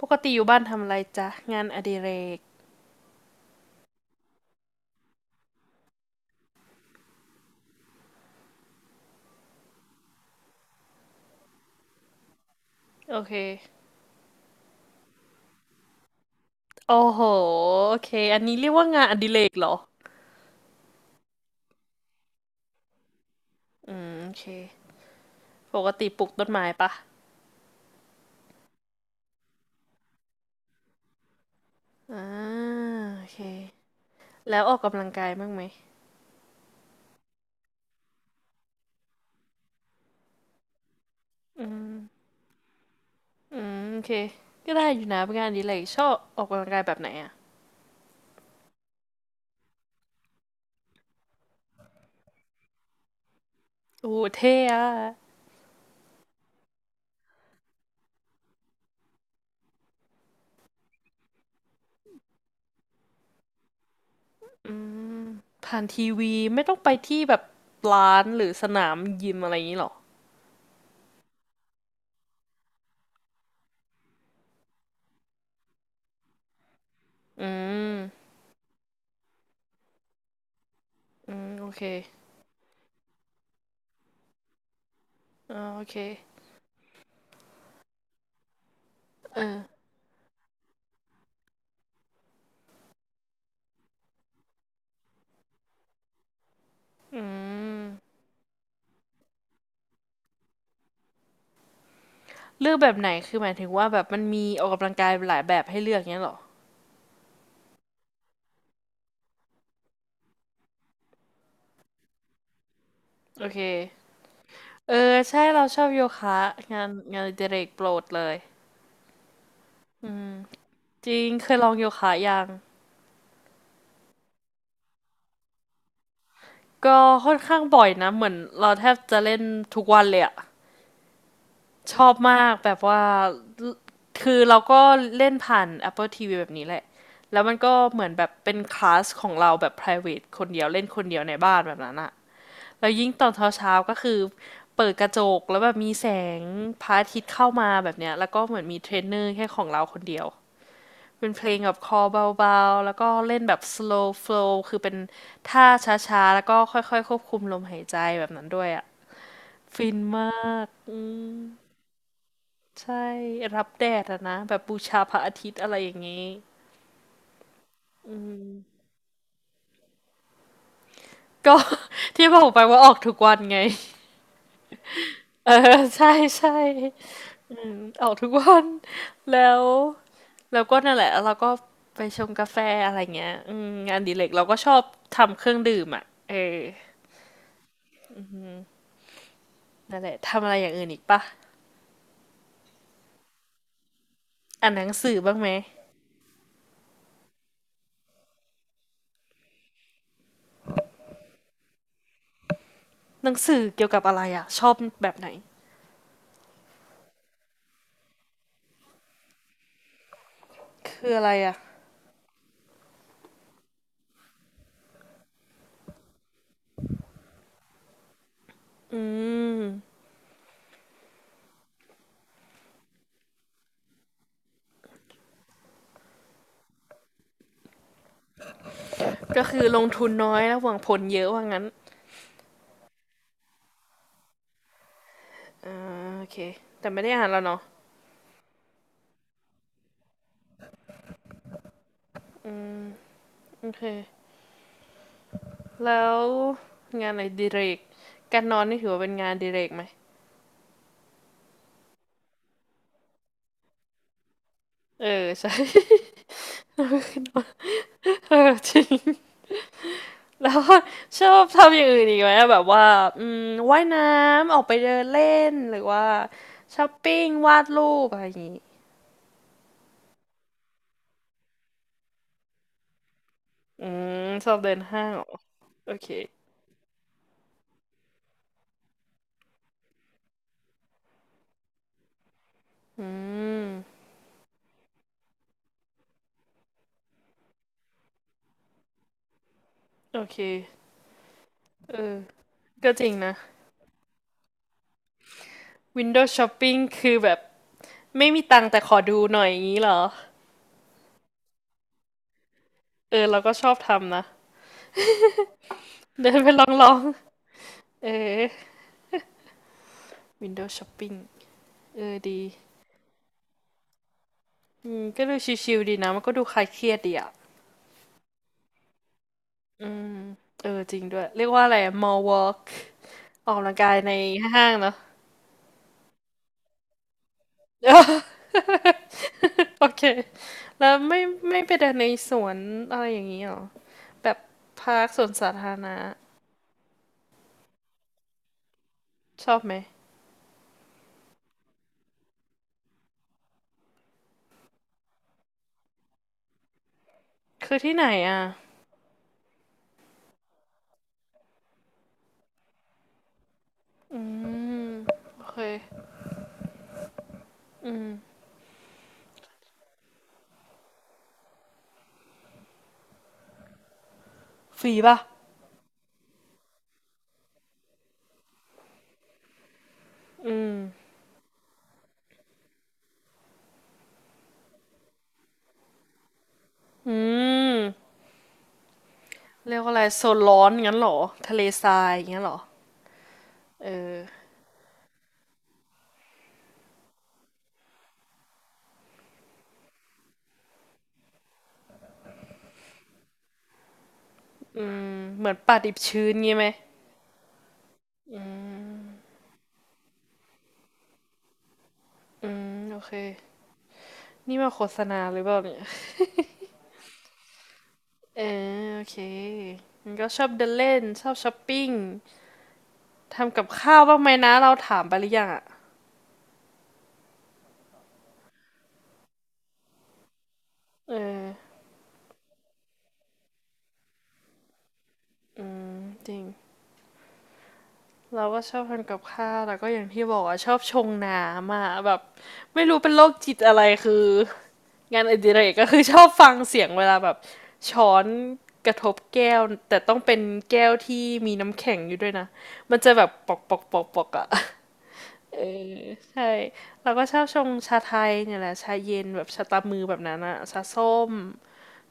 ปกติอยู่บ้านทำอะไรจ๊ะงานอดิเรกโอเคโอ้โหโอเคอันนี้เรียกว่างานอดิเรกเหรออืมโอเคปกติปลูกต้นไม้ปะอ่าโอเคแล้วออกกำลังกายบ้างไหมอืมอืมโอเคก็ได้อยู่นะเป็นงานอดิเรกชอบออกกำลังกายแบบไหนอ่ะโอ้เท่อะอืมผ่านทีวีไม่ต้องไปที่แบบร้านหรือสนามยิมอะไรอย่างนี้หรออืมอืมโอเคอ่าโอเคเอออืม เลือกแบบไหน คือหมายถึงว่าแบบมันมีออกกำลังกายหลายแบบให้เลือกเงี้ยเหรอ โอเค เออใช่เราชอบโยคะงานงานอดิเรกโปรดเลยอืมจริงเคยลองโยคะยัง ก็ค่อนข้างบ่อยนะเหมือนเราแทบจะเล่นทุกวันเลยอะ ชอบมากแบบว่า คือเราก็เล่นผ่าน Apple TV แบบนี้แหละแล้วมันก็เหมือนแบบเป็นคลาสของเราแบบ private คนเดียวเล่นคนเดียวในบ้านแบบนั้นอะ แล้วยิ่งตอนเช้าๆก็คือเปิดกระจกแล้วแบบมีแสงพระอาทิตย์เข้ามาแบบเนี้ยแล้วก็เหมือนมีเทรนเนอร์แค่ของเราคนเดียวเป็นเพลงแบบคอเบาๆแล้วก็เล่นแบบ slow flow คือเป็นท่าช้าๆแล้วก็ค่อยๆควบคุมลมหายใจแบบนั้นด้วยอ่ะฟินมากอืมใช่รับแดดอะนะแบบบูชาพระอาทิตย์อะไรอย่างงี้ก็ ที่บอกไปว่าออกทุกวันไงเออใช่ใช่อืมออกทุกวันแล้ว แล้วก็นั่นแหละแล้วเราก็ไปชงกาแฟอะไรเงี้ยอืมงานอดีเล็กเราก็ชอบทำเครื่องดื่มอ่ะเออนั่นแหละทำอะไรอย่างอื่นอีกปะอ่านหนังสือบ้างไหมหนังสือเกี่ยวกับอะไรอ่ะชอบแบบไหนคืออะไรอ่ะอืมก็คือลงทุนน้อยแล้วหวังผลเยอะว่างั้นอ่าโอเคแต่ไม่ได้อ่านแล้วเนาะโอเคแล้วงานอะไรอดีเรกการนอนนี่ถือว่าเป็นงานอดีเรกไหมเออใช่ เออจริง แล้วก็ชอบทำอย่างอื่นอีกไหมแบบว่าอืมว่ายน้ำออกไปเดินเล่นหรือว่าช้อปปิ้งวาดรูปอะไรอย่างงี้อืมชอบเดินห้างเหรอโอเคอืมโอเคเออก็จริงนะ Windows Shopping คือแบบไม่มีตังค์แต่ขอดูหน่อยอย่างนี้เหรอเออเราก็ชอบทำนะเดินไปลองๆเออ Windows Shopping เออดีอืมก็ดูชิวๆดีนะมันก็ดูคลายเครียดดีอะ อืมเออจริงด้วยเรียกว่าอะไรอะ mall walk ออกกำลังกายในห้างเนาะ โอเคแล้วไม่ไปเดินในสวนอะไรอย่างนี้หรอแบบพาร์คสวนสาธารณะชอบไหมคือที่ไหนอ่ะโอเคฟรีป่ะอืมเรียกว่าอะไรโซนร้อนงั้นเหรอทะเลทรายอย่างเงี้ยเหรอเอออืมเหมือนป่าดิบชื้นงี้ไหมอืมโอเคนี่มาโฆษณาหรือเปล่าเนี่ยเออโอเคมันก็ชอบเดินเล่นชอบช้อปปิ้ง ทำกับข้าวบ้างไหมนะเราถามไปหรือยังอ่ะเอออืมจริงเราก็ชอบทำกับข้าวแล้วก็อย่างที่บอกอ่ะชอบชงน้ำอ่ะแบบไม่รู้เป็นโรคจิตอะไรคืองานอดิเรกก็คือชอบฟังเสียงเวลาแบบช้อนกระทบแก้วแต่ต้องเป็นแก้วที่มีน้ำแข็งอยู่ด้วยนะมันจะแบบปอกปอกปอกปอกอ่ะเออใช่เราก็ชอบชงชาไทยเนี่ยแหละชาเย็นแบบชาตามือแบบนั้นอะชาส้ม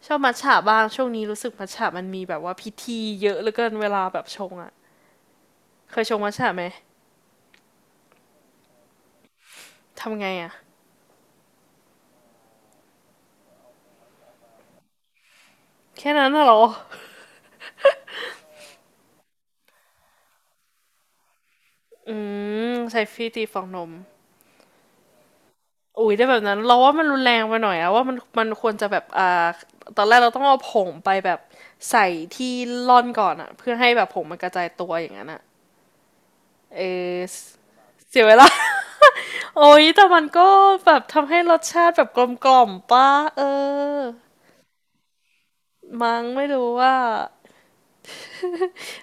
ชอบมัทฉะบ้างช่วงนี้รู้สึกมัทฉะมันมีแบบว่าพิธีเยอะเหลือเกินเวลาแบบชงอะเคยชงมัทฉะไหมทำไงอะแค่นั้นน่ะเหรออืมใช้ฟีตีฟองนมอุ้ยได้แบบนั้นเราว่ามันรุนแรงไปหน่อยอะว่ามันควรจะแบบอ่าตอนแรกเราต้องเอาผงไปแบบใส่ที่ร่อนก่อนอะเพื่อให้แบบผงมันกระจายตัวอย่างนั้นอะเออเสียเวลา โอ้ยแต่มันก็แบบทำให้รสชาติแบบกลมกล่อมป้าเออมั้งไม่รู้ว่า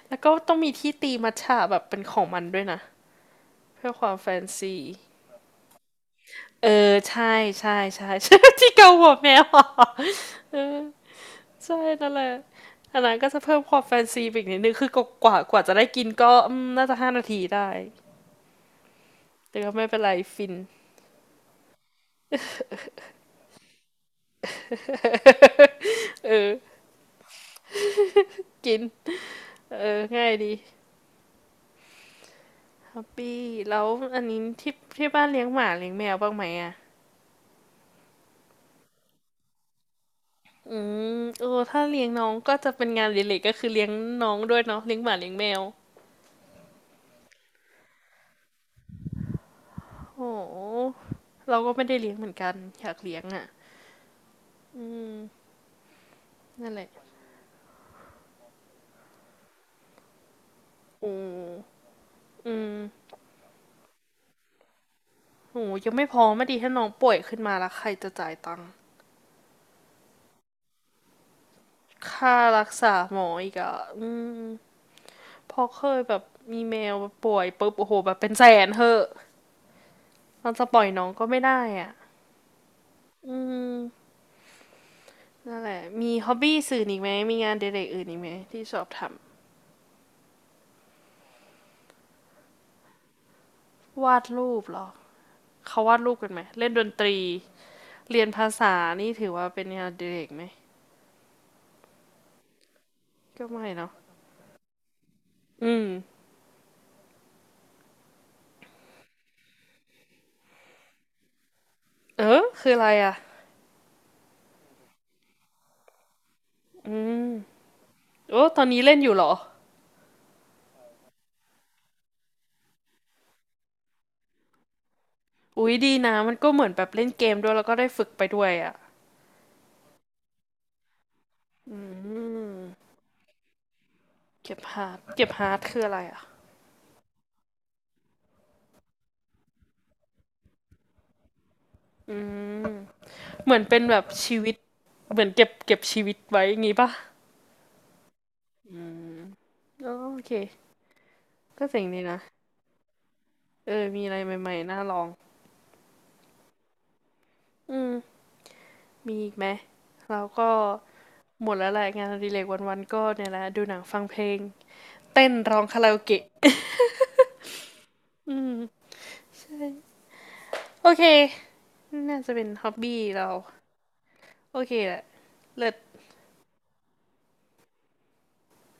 แล้วก็ต้องมีที่ตีมัทฉะแบบเป็นของมันด้วยนะเพื่อความแฟนซีเออใช่ใช่ ใช่ที่เกาหัวแมว เออใช่นั่นแหละอันนั้นก็จะเพิ่มความแฟนซีอีกนิดนึงคือกว่าจะได้กินก็มน่าจะ5 นาทีได้แต่ก็ไม่เป็นไรฟินเออกินเออง่ายดีแฮปปี้แล้วอันนี้ที่บ้านเลี้ยงหมาเลี้ยงแมวบ้างไหมอ่ะอืมเออถ้าเลี้ยงน้องก็จะเป็นงานเล็กๆก็คือเลี้ยงน้องด้วยเนาะเลี้ยงหมาเลี้ยงแมว โหเราก็ไม่ได้เลี้ยงเหมือนกันอยากเลี้ยงอ่ะอืมนั่นแหละโอ้อืมโหยังไม่พอไม่ดีถ้าน้องป่วยขึ้นมาแล้วใครจะจ่ายตังค์ค่ารักษาหมออีกอ่ะอืมพอเคยแบบมีแมวป่วยปุ๊บโอ้โหแบบเป็นแสนเถอะเราจะปล่อยน้องก็ไม่ได้อ่ะอืมนั่นแหละมีฮ็อบบี้สื่ออีกไหมมีงานเด็กๆอื่นอีกไหมที่ชอบทำ วาดรูปเหรอเขาวาดรูปกันไหมเล่นดนตรีเรียนภาษานี่ถือว่าเป็นงานเด็กๆไหม ก็ไม่เนาะอืมเออคืออะไรอ่ะโอ้ตอนนี้เล่นอยู่เหรออุ๊ยดีนะมันก็เหมือนแบบเล่นเกมด้วยแล้วก็ได้ฝึกไปด้วยอ่ะอืมเก็บฮาร์ดคืออะไรอ่ะอืมเหมือนเป็นแบบชีวิต เหมือนเก็บชีวิตไว้อย่างงี้ปะอ๋อโอเคก็เจ๋งดีนะเออมีอะไรใหม่ๆน่าลองอืมมีอีกไหมแล้วก็หมดแล้วแหละงานอดิเรกวันๆก็เนี่ยแหละดูหนังฟังเพลงเต้นร้องคาราโอเกะโอเคน่าจะเป็นฮ็อบบี้เรา โอเคแหละเลิศ